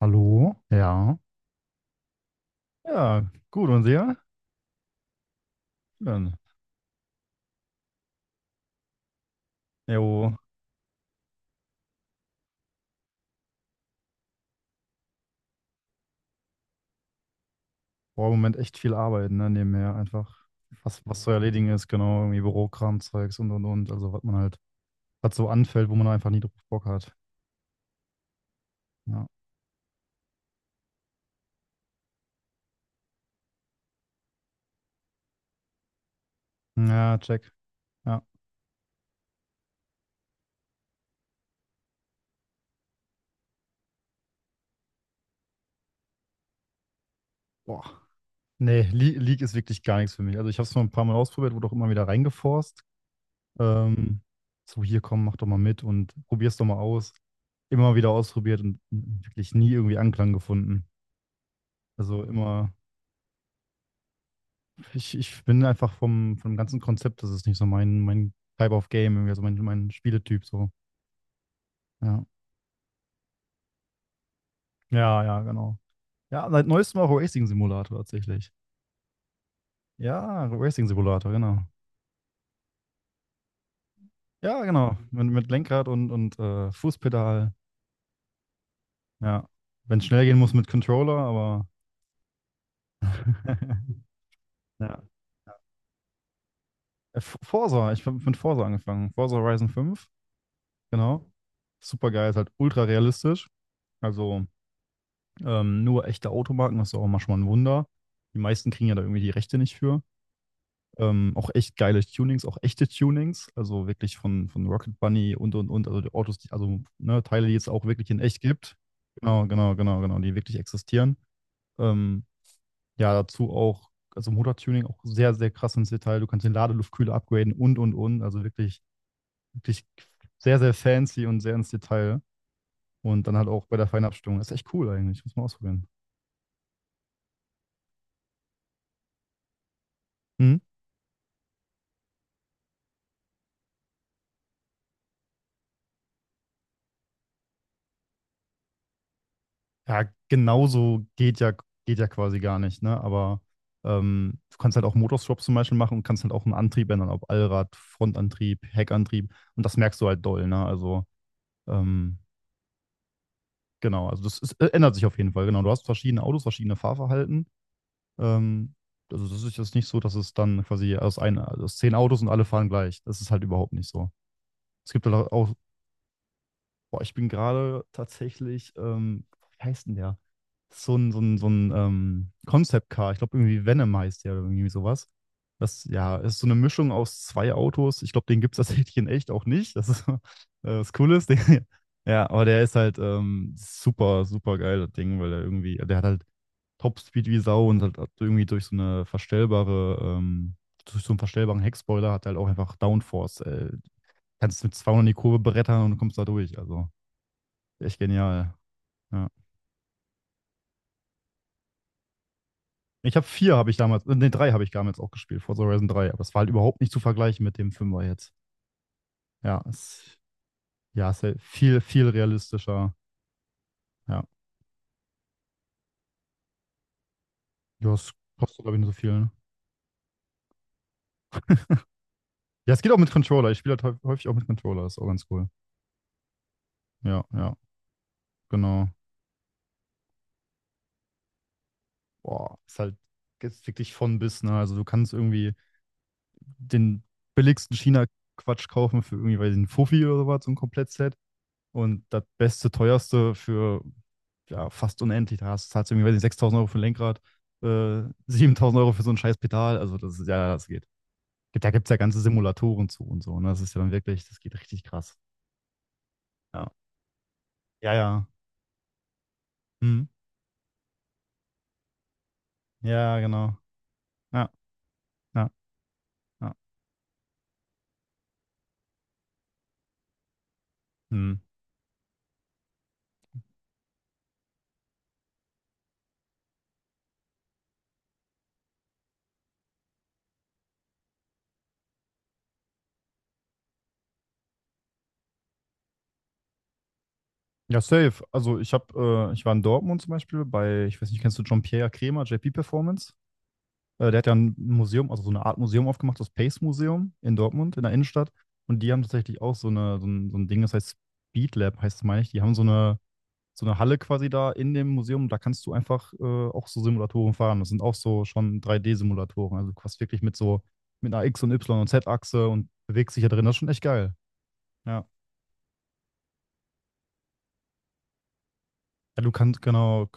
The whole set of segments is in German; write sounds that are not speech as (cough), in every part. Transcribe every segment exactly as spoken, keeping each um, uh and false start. Hallo? Ja. Ja, gut. Und sehr? Schön. Jo, boah, im Moment echt viel arbeiten, ne? Nebenher einfach, was, was zu erledigen ist, genau, irgendwie Bürokram, Zeugs und und und. Also, was man halt, was so anfällt, wo man einfach nie drauf Bock hat. Ja. Ja, check. Ja. Boah. Nee, Le League ist wirklich gar nichts für mich. Also, ich habe es mal ein paar Mal ausprobiert, wurde auch immer wieder reingeforst. Ähm, so, hier komm, mach doch mal mit und probier's doch mal aus. Immer wieder ausprobiert und wirklich nie irgendwie Anklang gefunden. Also, immer. Ich, ich bin einfach vom, vom ganzen Konzept, das ist nicht so mein, mein Type of Game, irgendwie, also mein, mein Spieletyp so. Ja. Ja, ja, genau. Ja, seit neuestem auch Racing Simulator tatsächlich. Ja, Racing Simulator, genau. Ja, genau. Mit, mit Lenkrad und, und äh, Fußpedal. Ja. Wenn es schnell gehen muss mit Controller, aber. (laughs) Ja. Äh, F- Forza, ich bin mit Forza angefangen. Forza Horizon fünf, genau. Super geil, ist halt ultra realistisch. Also Ähm, nur echte Automarken, das ist auch manchmal ein Wunder. Die meisten kriegen ja da irgendwie die Rechte nicht für. Ähm, auch echt geile Tunings, auch echte Tunings, also wirklich von, von Rocket Bunny und und und, also die Autos, die, also ne, Teile, die es auch wirklich in echt gibt. Genau, genau, genau, genau, die wirklich existieren. Ähm, ja, dazu auch, also Motortuning auch sehr, sehr krass ins Detail. Du kannst den Ladeluftkühler upgraden und und und, also wirklich, wirklich sehr, sehr fancy und sehr ins Detail. Und dann halt auch bei der Feinabstimmung. Das ist echt cool eigentlich, muss man ausprobieren. Hm? Ja, genauso geht ja, geht ja quasi gar nicht, ne? Aber ähm, du kannst halt auch Motorswap zum Beispiel machen und kannst halt auch einen Antrieb ändern, ob Allrad, Frontantrieb, Heckantrieb. Und das merkst du halt doll, ne? Also, ähm, genau, also das ist, äh, ändert sich auf jeden Fall, genau. Du hast verschiedene Autos, verschiedene Fahrverhalten. Ähm, also das ist jetzt nicht so, dass es dann quasi aus, ein, aus zehn Autos und alle fahren gleich. Das ist halt überhaupt nicht so. Es gibt halt auch. Boah, ich bin gerade tatsächlich, ähm, wie heißt denn der? So ein, so ein, so ein ähm, Concept Car. Ich glaube, irgendwie Venom heißt der oder irgendwie sowas. Das, ja, ist so eine Mischung aus zwei Autos. Ich glaube, den gibt es (laughs) tatsächlich in echt auch nicht. Das ist (laughs) äh, das Coole ist (laughs) der, ja, aber der ist halt ähm, super, super geil, das Ding, weil der irgendwie, der hat halt Topspeed wie Sau und halt irgendwie durch so eine verstellbare, ähm, durch so einen verstellbaren Heckspoiler hat er halt auch einfach Downforce. Äh, kannst mit zweihundert in die Kurve brettern und kommst da durch. Also. Echt genial. Ja. Ich habe vier, habe ich damals, äh, nee, drei habe ich damals auch gespielt, Forza Horizon drei, aber es war halt überhaupt nicht zu vergleichen mit dem Fünfer jetzt. Ja, es, ja, es ist halt viel, viel realistischer. Ja, ja, es kostet, glaube ich, nur so viel. Ne? Ja, es geht auch mit Controller. Ich spiele halt häu- häufig auch mit Controller, ist auch ganz cool. Ja, ja, genau. Boah, ist halt jetzt wirklich von bis, ne? Also du kannst irgendwie den billigsten China-Quatsch kaufen für irgendwie, weiß ich, einen Fuffi oder sowas, so ein Komplettset. Und das beste, teuerste für, ja, fast unendlich. Da hast, zahlst du irgendwie, weiß nicht, sechstausend Euro für ein Lenkrad, äh, (laughs) siebentausend Euro für so ein scheiß Pedal. Also das ist ja, das geht. Gibt, da gibt es ja ganze Simulatoren zu und so. Ne? Das ist ja dann wirklich, das geht richtig krass. Ja, ja, ja. Hm. Ja, genau. Ja, ja, ja. Hm. Ja, safe. Also ich habe, äh, ich war in Dortmund zum Beispiel bei, ich weiß nicht, kennst du Jean-Pierre Kremer, J P Performance? Äh, der hat ja ein Museum, also so eine Art Museum aufgemacht, das Pace Museum in Dortmund, in der Innenstadt. Und die haben tatsächlich auch so, eine, so, ein, so ein Ding, das heißt Speed Lab, heißt es, meine ich. Die haben so eine, so eine Halle quasi da in dem Museum. Da kannst du einfach äh, auch so Simulatoren fahren. Das sind auch so schon drei D-Simulatoren. Also du fährst wirklich mit so mit einer X- und Y- und Z-Achse und bewegst dich da drin. Das ist schon echt geil. Ja. Ja, du kannst, genau,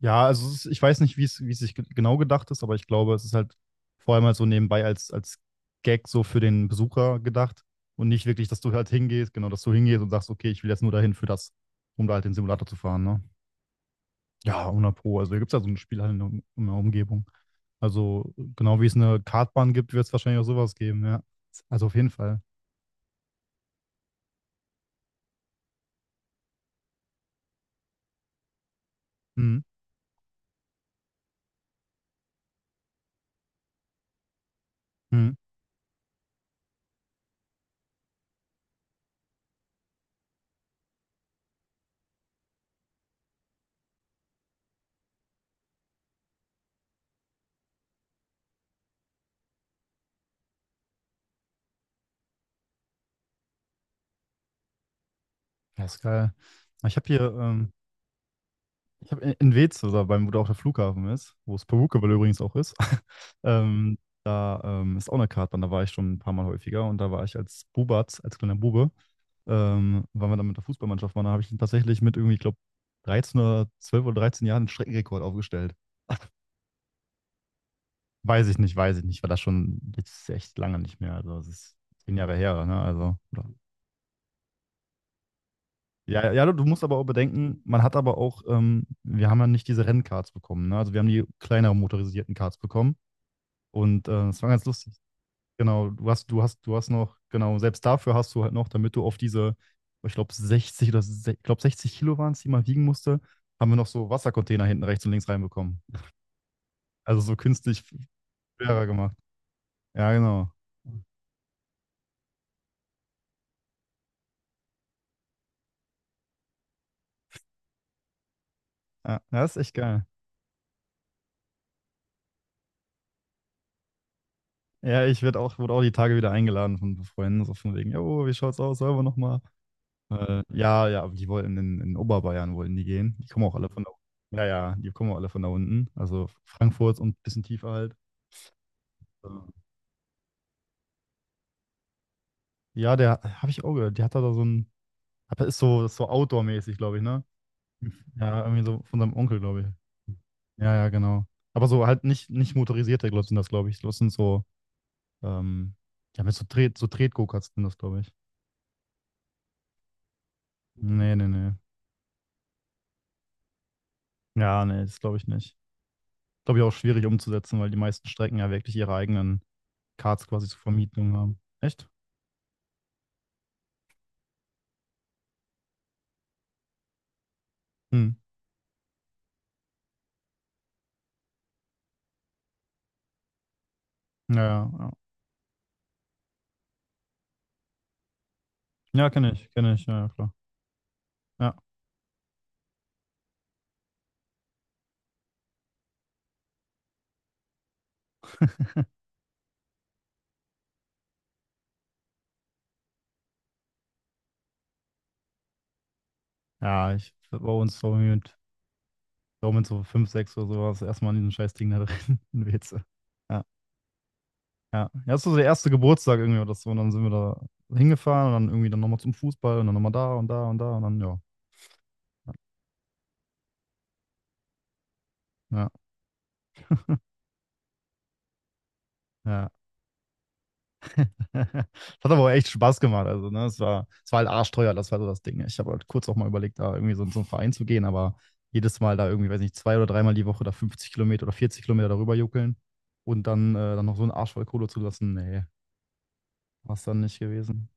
ja, also es ist, ich weiß nicht, wie es, wie es sich ge- genau gedacht ist, aber ich glaube, es ist halt vor allem halt so nebenbei als, als Gag so für den Besucher gedacht und nicht wirklich, dass du halt hingehst, genau, dass du hingehst und sagst, okay, ich will jetzt nur dahin für das, um da halt den Simulator zu fahren, ne? Ja, hundert Pro. Also hier gibt es ja so ein Spiel halt in der, Um- in der Umgebung. Also genau wie es eine Kartbahn gibt, wird es wahrscheinlich auch sowas geben, ja. Also auf jeden Fall. Mhm. Mhm. Ja, ist geil. Ich habe hier, ähm, Ich habe in in Wetz, oder beim, wo da auch der Flughafen ist, wo es Perukewell übrigens auch ist, (laughs) ähm, da ähm, ist auch eine Kartbahn, da war ich schon ein paar Mal häufiger und da war ich als Bubatz, als kleiner Bube, ähm, weil wir dann mit der Fußballmannschaft waren, da habe ich tatsächlich mit irgendwie, ich glaube, dreizehn oder zwölf oder dreizehn Jahren einen Streckenrekord aufgestellt. Weiß ich nicht, weiß ich nicht, war das schon jetzt echt lange nicht mehr, also es ist zehn Jahre her, ne, also, oder, ja, ja, du du musst aber auch bedenken, man hat aber auch, ähm, wir haben ja nicht diese Rennkarts bekommen, ne? Also wir haben die kleineren motorisierten Karts bekommen. Und äh, es war ganz lustig. Genau, du hast, du hast, du hast noch, genau, selbst dafür hast du halt noch, damit du auf diese, ich glaube sechzig oder se- ich glaube sechzig Kilo waren es, die man wiegen musste, haben wir noch so Wassercontainer hinten rechts und links reinbekommen. Also so künstlich schwerer gemacht. Ja, genau. Ja, das ist echt geil. Ja, ich werde auch, wurde auch die Tage wieder eingeladen von Freunden, so von wegen, jo, wie schaut's aus, sollen wir nochmal? Äh, ja, ja, aber die wollten in, in Oberbayern wollten die gehen. Die kommen auch alle von da unten. Ja, ja, die kommen auch alle von da unten. Also Frankfurt und ein bisschen tiefer halt. Ja. Ja, der habe ich auch gehört. Der hat da so ein, hat- ist so, ist so Outdoor-mäßig, glaube ich, ne? Ja, irgendwie so von seinem Onkel, glaube ich. Ja, ja, genau. Aber so halt nicht, nicht motorisierte Glots sind das, glaube ich. Das sind so, ähm, ja, mit so Tret, so Tret-Go-Karts sind das, glaube ich. Nee, nee, nee. Ja, nee, das glaube ich nicht. Glaube ich auch schwierig umzusetzen, weil die meisten Strecken ja wirklich ihre eigenen Karts quasi zur Vermietung haben. Echt? Hm. Ja, ja, ja. Ja, kenne ich, kenne ich, ja, ja, klar. Ja, ja, ich, bei uns so So mit so fünf sechs oder sowas erstmal in diesem scheiß Ding da drin (laughs) in Weze. Ja, ja. Ja, das war so der erste Geburtstag irgendwie oder so. Und dann sind wir da hingefahren und dann irgendwie dann nochmal zum Fußball und dann nochmal da und da und da und dann, ja. Ja, ja. (laughs) Das hat aber auch echt Spaß gemacht. Also, ne, es war, es war halt arschteuer, das war so das Ding. Ich habe halt kurz auch mal überlegt, da irgendwie so in so einen Verein zu gehen, aber jedes Mal da irgendwie, weiß nicht, zwei oder dreimal die Woche da fünfzig Kilometer oder vierzig Kilometer darüber juckeln und dann, äh, dann noch so einen Arsch voll Kohle zu lassen, nee, war es dann nicht gewesen.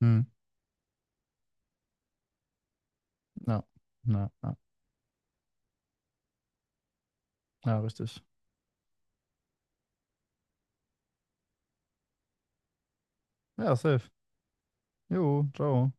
Hm. Ja, ja, ja. Ja, richtig. Ja, safe. Jo, ciao.